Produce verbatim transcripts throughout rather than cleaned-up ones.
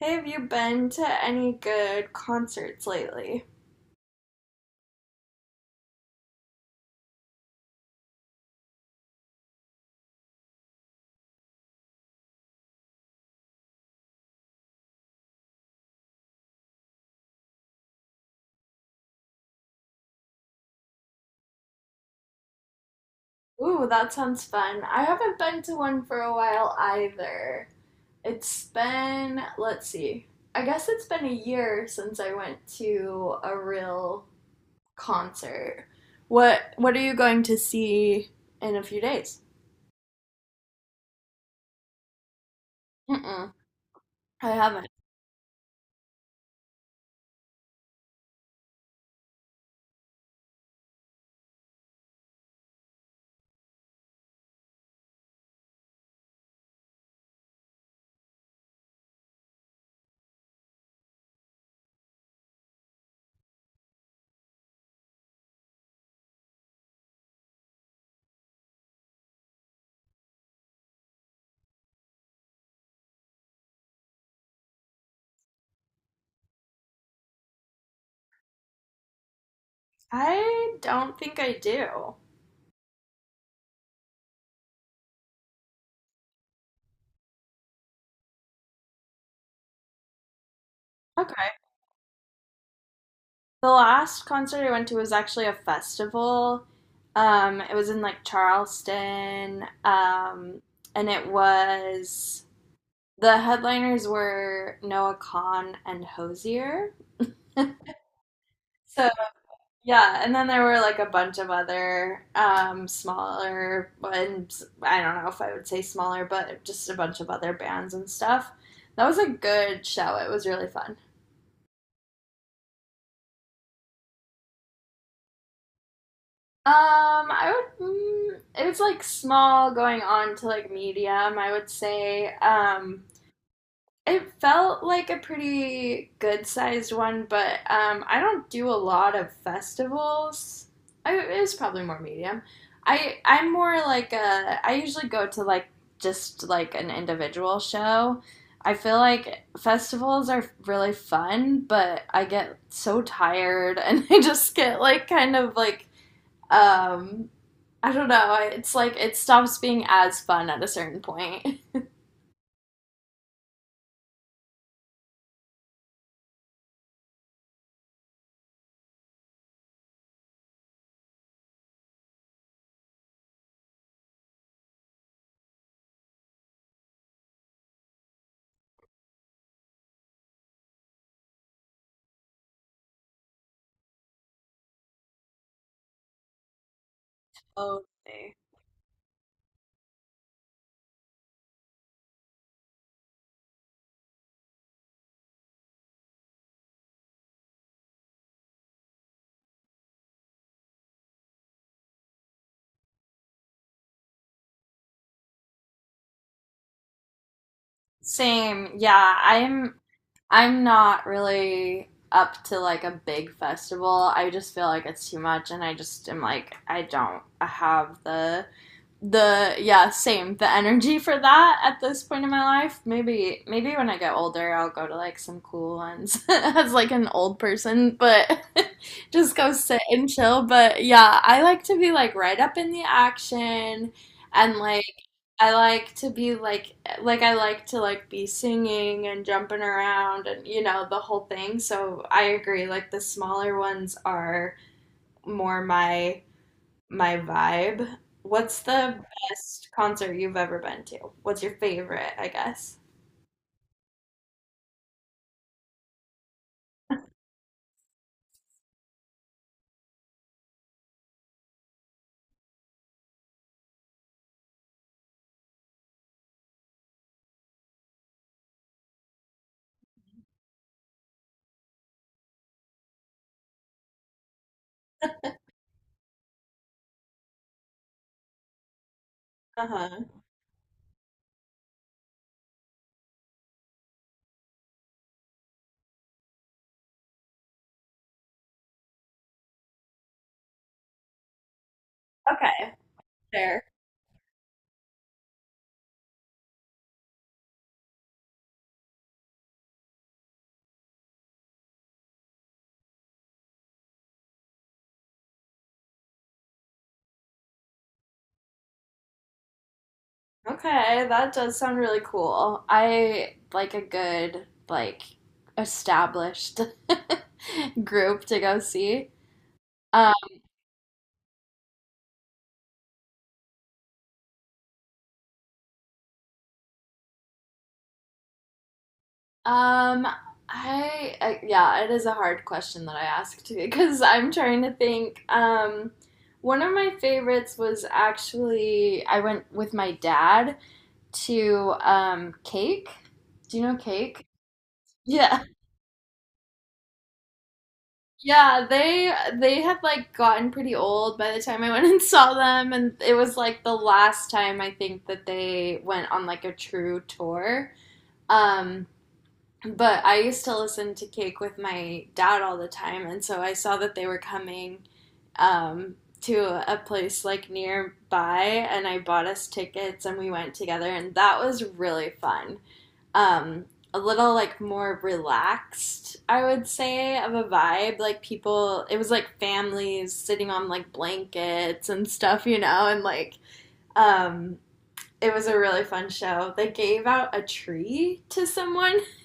Hey, have you been to any good concerts lately? Ooh, that sounds fun. I haven't been to one for a while either. It's been, let's see, I guess it's been a year since I went to a real concert. What what are you going to see in a few days? Mm-mm, I haven't. I don't think I do. Okay. The last concert I went to was actually a festival. Um, it was in like Charleston, um, and it was the headliners were Noah Kahn and Hosier. So yeah, and then there were like a bunch of other um, smaller ones. I don't know if I would say smaller, but just a bunch of other bands and stuff. That was a good show. It was really fun. Um, I would. Mm, it was like small going on to like medium, I would say. Um, it felt like a pretty good sized one, but um, I don't do a lot of festivals. I, it was probably more medium. I I'm more like a. I usually go to like just like an individual show. I feel like festivals are really fun, but I get so tired and I just get like kind of like um I don't know. It's like it stops being as fun at a certain point. Okay. Same. Yeah, I'm I'm not really up to like a big festival. I just feel like it's too much and I just am like I don't have the the yeah same the energy for that at this point in my life. Maybe maybe when I get older I'll go to like some cool ones as like an old person, but just go sit and chill. But yeah, I like to be like right up in the action, and like I like to be like like I like to like be singing and jumping around and you know the whole thing. So I agree, like the smaller ones are more my my vibe. What's the best concert you've ever been to? What's your favorite, I guess? Uh-huh. Okay. Fair. Okay, that does sound really cool. I like a good, like, established group to go see. Um, um, I, I yeah, it is a hard question that I asked, because I'm trying to think. Um, one of my favorites was actually I went with my dad to um Cake. Do you know Cake? Yeah. Yeah, they they had like gotten pretty old by the time I went and saw them, and it was like the last time I think that they went on like a true tour. Um but I used to listen to Cake with my dad all the time, and so I saw that they were coming um to a place like nearby, and I bought us tickets and we went together, and that was really fun. um, a little like more relaxed, I would say, of a vibe. Like people, it was like families sitting on like blankets and stuff, you know, and like um, it was a really fun show. They gave out a tree to someone.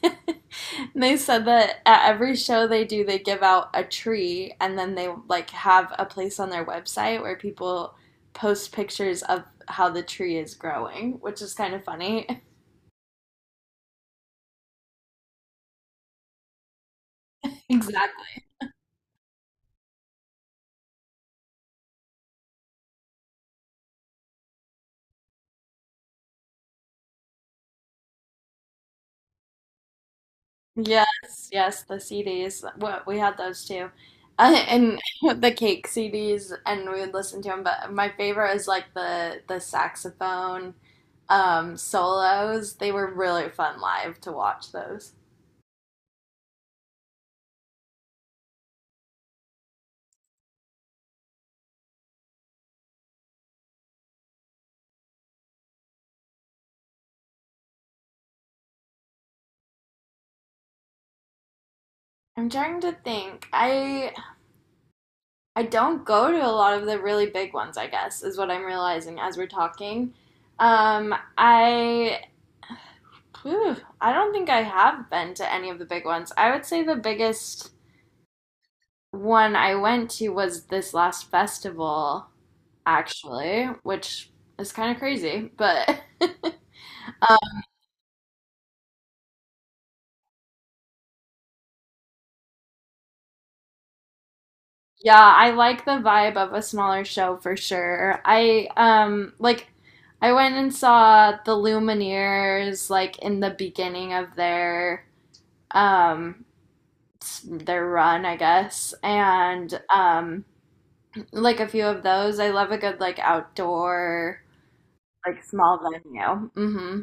And they said that at every show they do, they give out a tree, and then they like have a place on their website where people post pictures of how the tree is growing, which is kind of funny. Exactly. Yes, yes, the C Ds. What we had those too, uh, and the cake C Ds, and we would listen to them. But my favorite is like the the saxophone um, solos. They were really fun live to watch those. I'm trying to think. I I don't go to a lot of the really big ones, I guess is what I'm realizing as we're talking. Um, I whew, I don't think I have been to any of the big ones. I would say the biggest one I went to was this last festival, actually, which is kind of crazy, but um, yeah, I like the vibe of a smaller show for sure. I um like I went and saw the Lumineers like in the beginning of their um s- their run, I guess, and um like a few of those. I love a good like outdoor like small venue. Mm-hmm.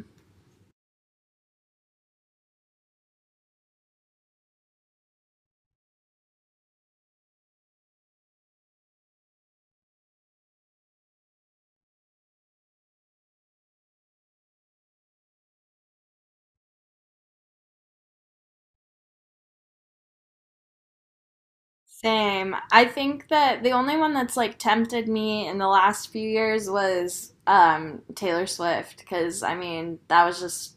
Same. I think that the only one that's like tempted me in the last few years was um Taylor Swift, because I mean that was just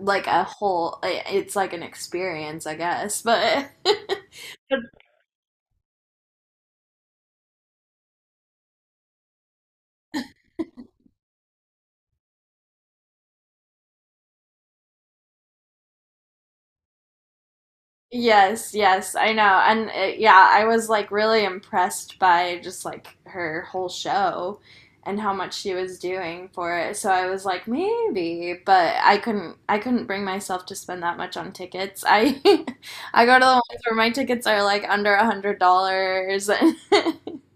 like a whole, it's like an experience, I guess, but yes, yes, I know. And uh yeah, I was like really impressed by just like her whole show and how much she was doing for it. So I was like maybe, but I couldn't I couldn't bring myself to spend that much on tickets. I I go to the ones where my tickets are like under a hundred dollars.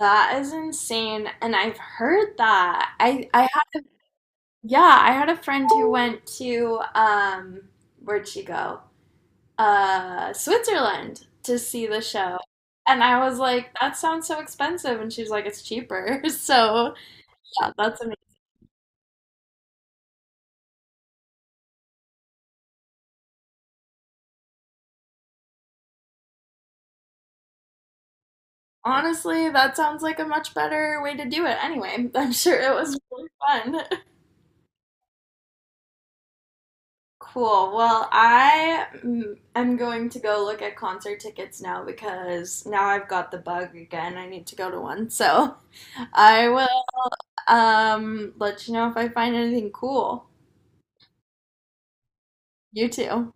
That is insane, and I've heard that. I I had yeah, I had a friend who went to um where'd she go? Uh, Switzerland to see the show. And I was like, that sounds so expensive. And she's like, it's cheaper. So, yeah, that's amazing. Honestly, that sounds like a much better way to do it. Anyway, I'm sure it was really fun. Cool. Well, I mm, am going to go look at concert tickets now, because now I've got the bug again. I need to go to one. So, I will um let you know if I find anything cool. You too.